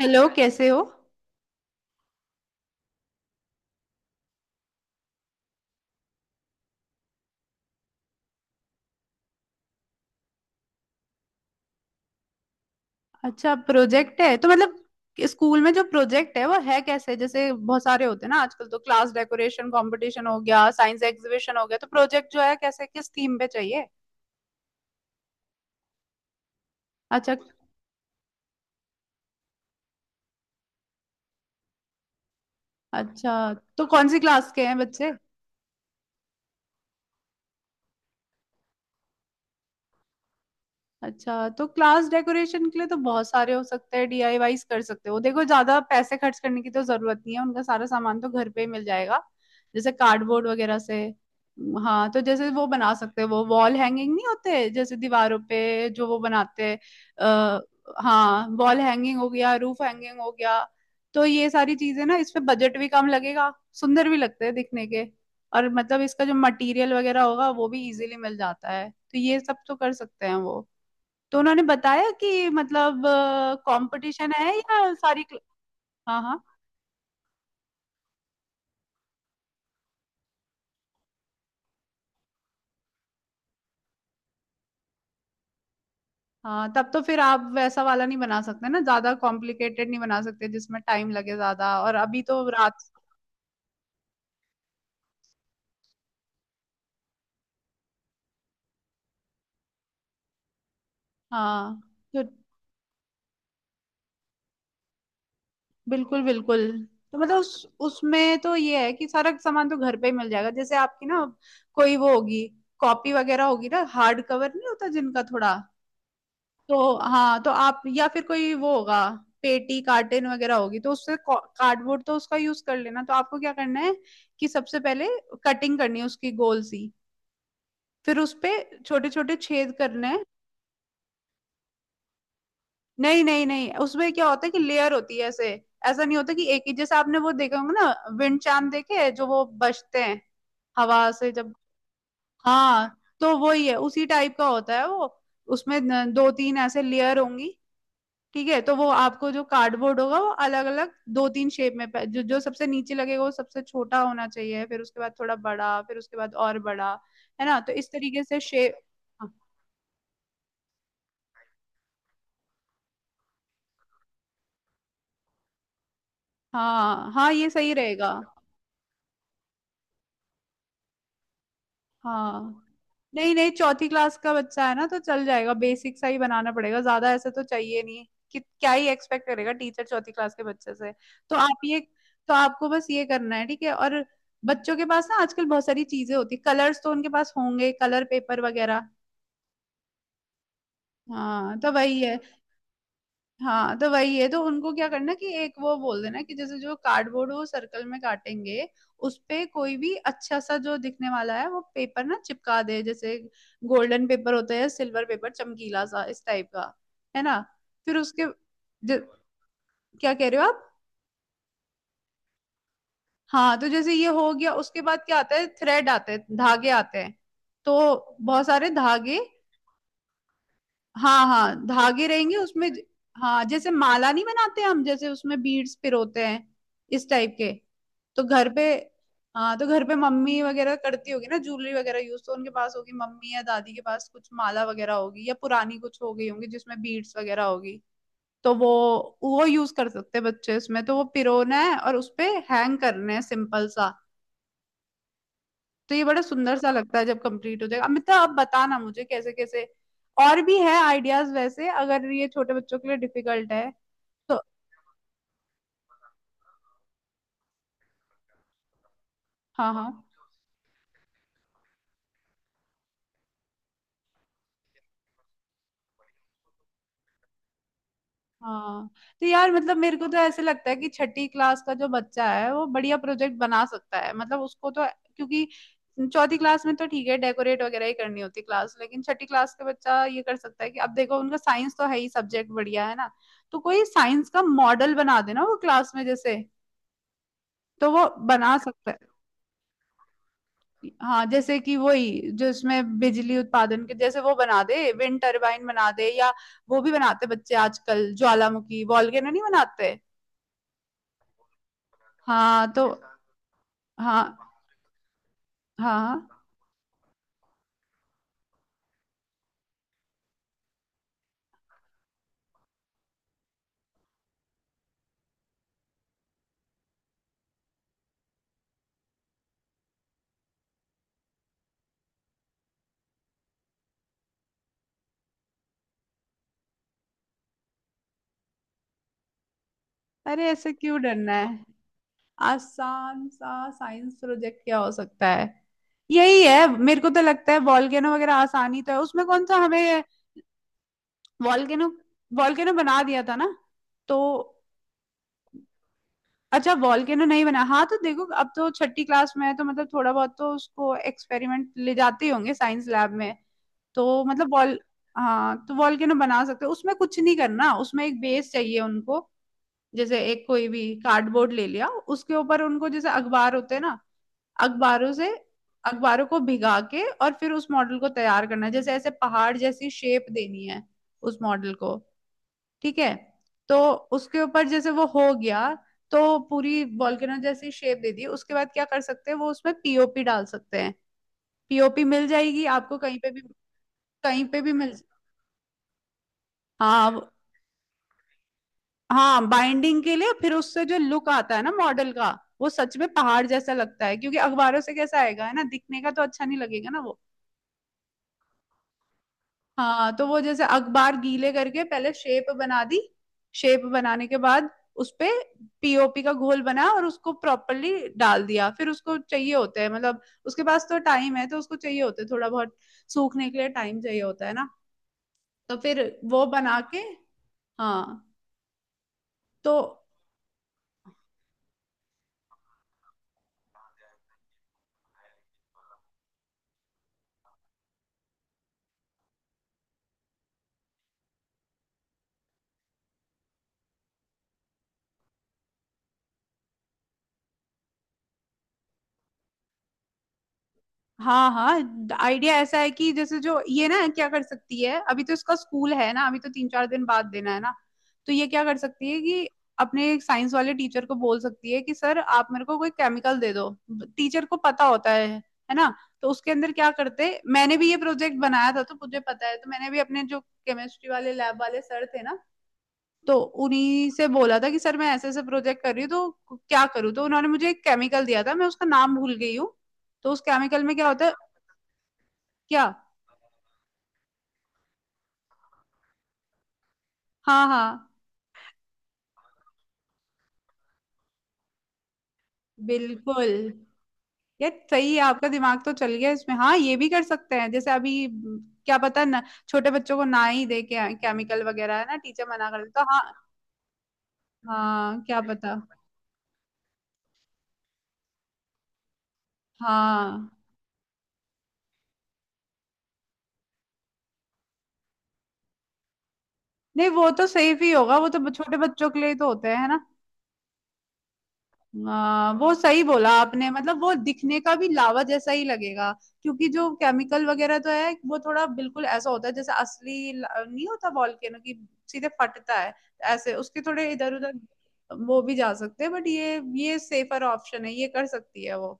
Hello, कैसे हो। अच्छा, प्रोजेक्ट है तो मतलब स्कूल में जो प्रोजेक्ट है वो है कैसे, जैसे बहुत सारे होते हैं ना आजकल, तो क्लास डेकोरेशन कंपटीशन हो गया, साइंस एग्जीबिशन हो गया, तो प्रोजेक्ट जो है कैसे, किस थीम पे चाहिए। अच्छा, अच्छा तो कौन सी क्लास के हैं बच्चे। अच्छा, तो क्लास डेकोरेशन के लिए तो बहुत सारे हो सकते हैं, डीआईवाईज कर सकते हो। देखो ज्यादा पैसे खर्च करने की तो जरूरत नहीं है, उनका सारा सामान तो घर पे ही मिल जाएगा, जैसे कार्डबोर्ड वगैरह से। हाँ, तो जैसे वो बना सकते हैं वो वॉल हैंगिंग नहीं होते, जैसे दीवारों पे जो वो बनाते हैं। अ, हाँ, वॉल हैंगिंग हो गया, रूफ हैंगिंग हो गया, तो ये सारी चीजें ना इस पे बजट भी कम लगेगा, सुंदर भी लगते हैं दिखने के, और मतलब इसका जो मटेरियल वगैरह होगा वो भी इजीली मिल जाता है, तो ये सब तो कर सकते हैं वो। तो उन्होंने बताया कि मतलब कंपटीशन है या सारी हाँ हाँ। हाँ, तब तो फिर आप वैसा वाला नहीं बना सकते ना, ज्यादा कॉम्प्लिकेटेड नहीं बना सकते जिसमें टाइम लगे ज्यादा, और अभी तो रात। हाँ, तो बिल्कुल बिल्कुल। तो मतलब उस उसमें तो ये है कि सारा सामान तो घर पे ही मिल जाएगा। जैसे आपकी ना कोई वो होगी, कॉपी वगैरह होगी ना हार्ड कवर नहीं होता जिनका, थोड़ा तो हाँ, तो आप या फिर कोई वो होगा, पेटी कार्टन वगैरह होगी, तो उससे कार्डबोर्ड तो उसका यूज कर लेना। तो आपको क्या करना है कि सबसे पहले कटिंग करनी है उसकी गोल सी, फिर उसपे छोटे छोटे छेद करने हैं। नहीं नहीं नहीं, उसमें क्या होता है कि लेयर होती है ऐसे। ऐसा नहीं होता कि एक ही, जैसे आपने वो देखे होंगे ना विंड चाइम देखे हैं, जो वो बजते हैं हवा से जब। हाँ, तो वही है, उसी टाइप का होता है वो। उसमें दो तीन ऐसे लेयर होंगी। ठीक है, तो वो आपको जो कार्डबोर्ड होगा वो अलग अलग दो तीन शेप में जो जो सबसे नीचे लगेगा वो सबसे छोटा होना चाहिए, फिर उसके बाद थोड़ा बड़ा, फिर उसके बाद और बड़ा, है ना, तो इस तरीके से शेप। हाँ हाँ, ये सही रहेगा। हाँ, नहीं नहीं, चौथी क्लास का बच्चा है ना तो चल जाएगा, बेसिक सा ही बनाना पड़ेगा, ज्यादा ऐसे तो चाहिए नहीं, कि क्या ही एक्सपेक्ट करेगा टीचर चौथी क्लास के बच्चे से। तो आप ये, तो आपको बस ये करना है ठीक है। और बच्चों के पास ना आजकल बहुत सारी चीजें होती है, कलर्स तो उनके पास होंगे, कलर पेपर वगैरह। हाँ तो वही है हाँ, तो वही है। तो उनको क्या करना कि एक वो बोल देना कि जैसे जो कार्डबोर्ड वो सर्कल में काटेंगे, उस पे कोई भी अच्छा सा जो दिखने वाला है वो पेपर ना चिपका दे, जैसे गोल्डन पेपर होता है, सिल्वर पेपर चमकीला सा, इस टाइप का, है ना। फिर उसके ज- क्या कह रहे हो आप। हाँ, तो जैसे ये हो गया, उसके बाद क्या आता है, थ्रेड आते हैं, धागे आते हैं, तो बहुत सारे धागे। हाँ हाँ, धागे रहेंगे उसमें। हाँ, जैसे माला नहीं बनाते हम, जैसे उसमें बीड्स पिरोते हैं, इस टाइप के। तो घर पे, हाँ तो घर पे मम्मी वगैरह करती होगी ना ज्वेलरी वगैरह यूज, तो उनके पास होगी मम्मी या दादी के पास कुछ माला वगैरह होगी, या पुरानी कुछ हो गई होंगी जिसमें बीड्स वगैरह होगी, तो वो यूज कर सकते हैं बच्चे इसमें, तो वो पिरोना है और उसपे हैंग करने हैं, सिंपल सा। तो ये बड़ा सुंदर सा लगता है जब कंप्लीट हो जाएगा। अमिता, अब बताना मुझे कैसे कैसे और भी है आइडियाज, वैसे अगर ये छोटे बच्चों के लिए डिफिकल्ट है तो। हाँ हाँ हाँ, तो यार मतलब मेरे को तो ऐसे लगता है कि छठी क्लास का जो बच्चा है वो बढ़िया प्रोजेक्ट बना सकता है, मतलब उसको तो, क्योंकि चौथी क्लास में तो ठीक है डेकोरेट वगैरह ही करनी होती क्लास, लेकिन छठी क्लास का बच्चा ये कर सकता है कि अब देखो उनका साइंस तो है ही सब्जेक्ट बढ़िया, है ना। तो कोई साइंस का मॉडल बना देना वो क्लास में, जैसे तो वो बना सकता है। हाँ, जैसे कि वही जो इसमें बिजली उत्पादन के, जैसे वो बना दे विंड टरबाइन बना दे, या वो भी बनाते बच्चे आजकल, ज्वालामुखी वोल्केनो नहीं बनाते। हाँ, तो हाँ हाँ हाँ। अरे ऐसे क्यों डरना है। आसान सा साइंस प्रोजेक्ट क्या हो सकता है, यही है मेरे को तो लगता है वॉल्केनो वगैरह, आसानी तो है उसमें, कौन सा हमें। वॉल्केनो, वॉल्केनो बना दिया था ना तो। अच्छा, वॉल्केनो नहीं बना। हाँ, तो देखो अब तो छठी क्लास में है तो मतलब थोड़ा बहुत तो उसको एक्सपेरिमेंट ले जाते ही होंगे साइंस लैब में, तो मतलब वॉल हाँ, तो वॉल्केनो बना सकते हो, उसमें कुछ नहीं करना, उसमें एक बेस चाहिए उनको, जैसे एक कोई भी कार्डबोर्ड ले लिया, उसके ऊपर उनको जैसे अखबार होते हैं ना, अखबारों से, अखबारों को भिगा के और फिर उस मॉडल को तैयार करना है। जैसे ऐसे पहाड़ जैसी शेप देनी है उस मॉडल को, ठीक है। तो उसके ऊपर जैसे वो हो गया, तो पूरी वॉल्केनो जैसी शेप दे दी, उसके बाद क्या कर सकते हैं वो उसमें पीओपी डाल सकते हैं। पीओपी मिल जाएगी आपको कहीं पे भी, कहीं पे भी मिल। हाँ हाँ बाइंडिंग के लिए। फिर उससे जो लुक आता है ना मॉडल का, वो सच में पहाड़ जैसा लगता है, क्योंकि अखबारों से कैसा आएगा, है ना, दिखने का तो अच्छा नहीं लगेगा ना वो। हाँ, तो वो जैसे अखबार गीले करके पहले शेप बना दी, शेप बनाने के बाद उसपे पीओपी का घोल बना और उसको प्रॉपरली डाल दिया, फिर उसको चाहिए होते हैं मतलब, उसके पास तो टाइम है तो उसको चाहिए होते हैं थोड़ा बहुत, सूखने के लिए टाइम चाहिए होता है ना, तो फिर वो बना के हाँ तो। हाँ हाँ, आइडिया ऐसा है कि जैसे जो ये ना क्या कर सकती है, अभी तो इसका स्कूल है ना, अभी तो तीन चार दिन बाद देना है ना, तो ये क्या कर सकती है कि अपने साइंस वाले टीचर को बोल सकती है कि सर आप मेरे को कोई केमिकल दे दो, टीचर को पता होता है ना। तो उसके अंदर क्या करते, मैंने भी ये प्रोजेक्ट बनाया था तो मुझे पता है, तो मैंने भी अपने जो केमिस्ट्री वाले लैब वाले सर थे ना, तो उन्हीं से बोला था कि सर मैं ऐसे ऐसे प्रोजेक्ट कर रही हूँ तो क्या करूँ, तो उन्होंने मुझे एक केमिकल दिया था, मैं उसका नाम भूल गई हूँ। तो उस केमिकल में क्या होता है। क्या, हाँ हाँ बिल्कुल, यार सही है आपका दिमाग तो चल गया इसमें। हाँ ये भी कर सकते हैं, जैसे अभी क्या पता ना, छोटे बच्चों को ना ही दे के केमिकल वगैरह, है ना, टीचर मना कर देता। हाँ, हाँ क्या पता। हाँ, नहीं वो तो सेफ ही होगा, वो तो छोटे बच्चों के लिए ही तो होते हैं है ना। हाँ, वो सही बोला आपने, मतलब वो दिखने का भी लावा जैसा ही लगेगा, क्योंकि जो केमिकल वगैरह तो है वो थोड़ा बिल्कुल ऐसा होता है जैसे असली नहीं होता वॉल्केनो की, सीधे फटता है, ऐसे उसके थोड़े इधर उधर वो भी जा सकते हैं, बट ये सेफर ऑप्शन है, ये कर सकती है वो।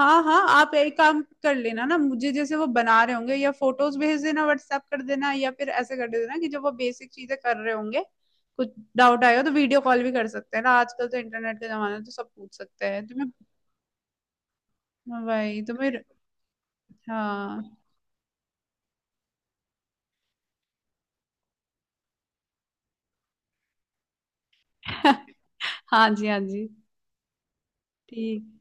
हाँ हाँ, आप एक काम कर लेना ना, मुझे जैसे वो बना रहे होंगे या फोटोज भेज देना, व्हाट्सएप कर देना, या फिर ऐसे कर देना कि जब वो बेसिक चीजें कर रहे होंगे, कुछ डाउट आएगा तो वीडियो कॉल भी कर सकते हैं ना, आजकल तो इंटरनेट का जमाना है तो सब पूछ सकते हैं तुम्हें, भाई तुम्हें। हाँ हाँ जी हाँ जी। ठीक,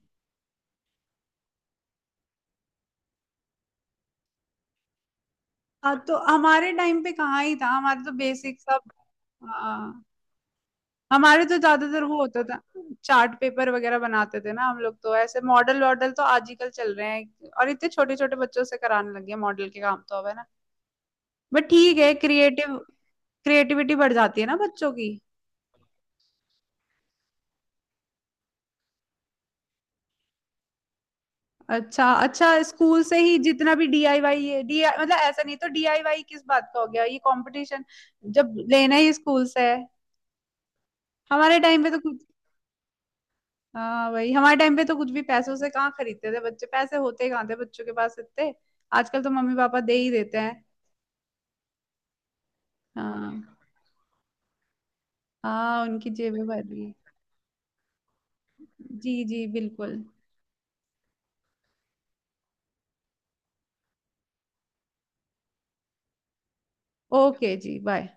हाँ तो हमारे टाइम पे कहाँ ही था, हमारे तो बेसिक सब। हाँ, हमारे तो ज्यादातर वो होता था चार्ट पेपर वगैरह बनाते थे ना हम लोग, तो ऐसे मॉडल वॉडल तो आजकल चल रहे हैं, और इतने छोटे छोटे बच्चों से कराने लगे हैं मॉडल के काम तो अब, है ना। बट ठीक है, क्रिएटिव, क्रिएटिविटी बढ़ जाती है ना बच्चों की। अच्छा अच्छा, स्कूल से ही जितना भी डीआईवाई है डी, मतलब ऐसा नहीं तो डीआईवाई किस बात का हो गया ये कंपटीशन, जब लेना ही स्कूल से है। हमारे टाइम पे तो कुछ, हाँ भाई हमारे टाइम पे तो कुछ भी पैसों से कहाँ खरीदते थे बच्चे, पैसे होते कहाँ थे बच्चों के पास इतने, आजकल तो मम्मी पापा दे ही देते हैं। हाँ, हाँ उनकी जेबें भर रही है। जी जी बिल्कुल। ओके जी, बाय।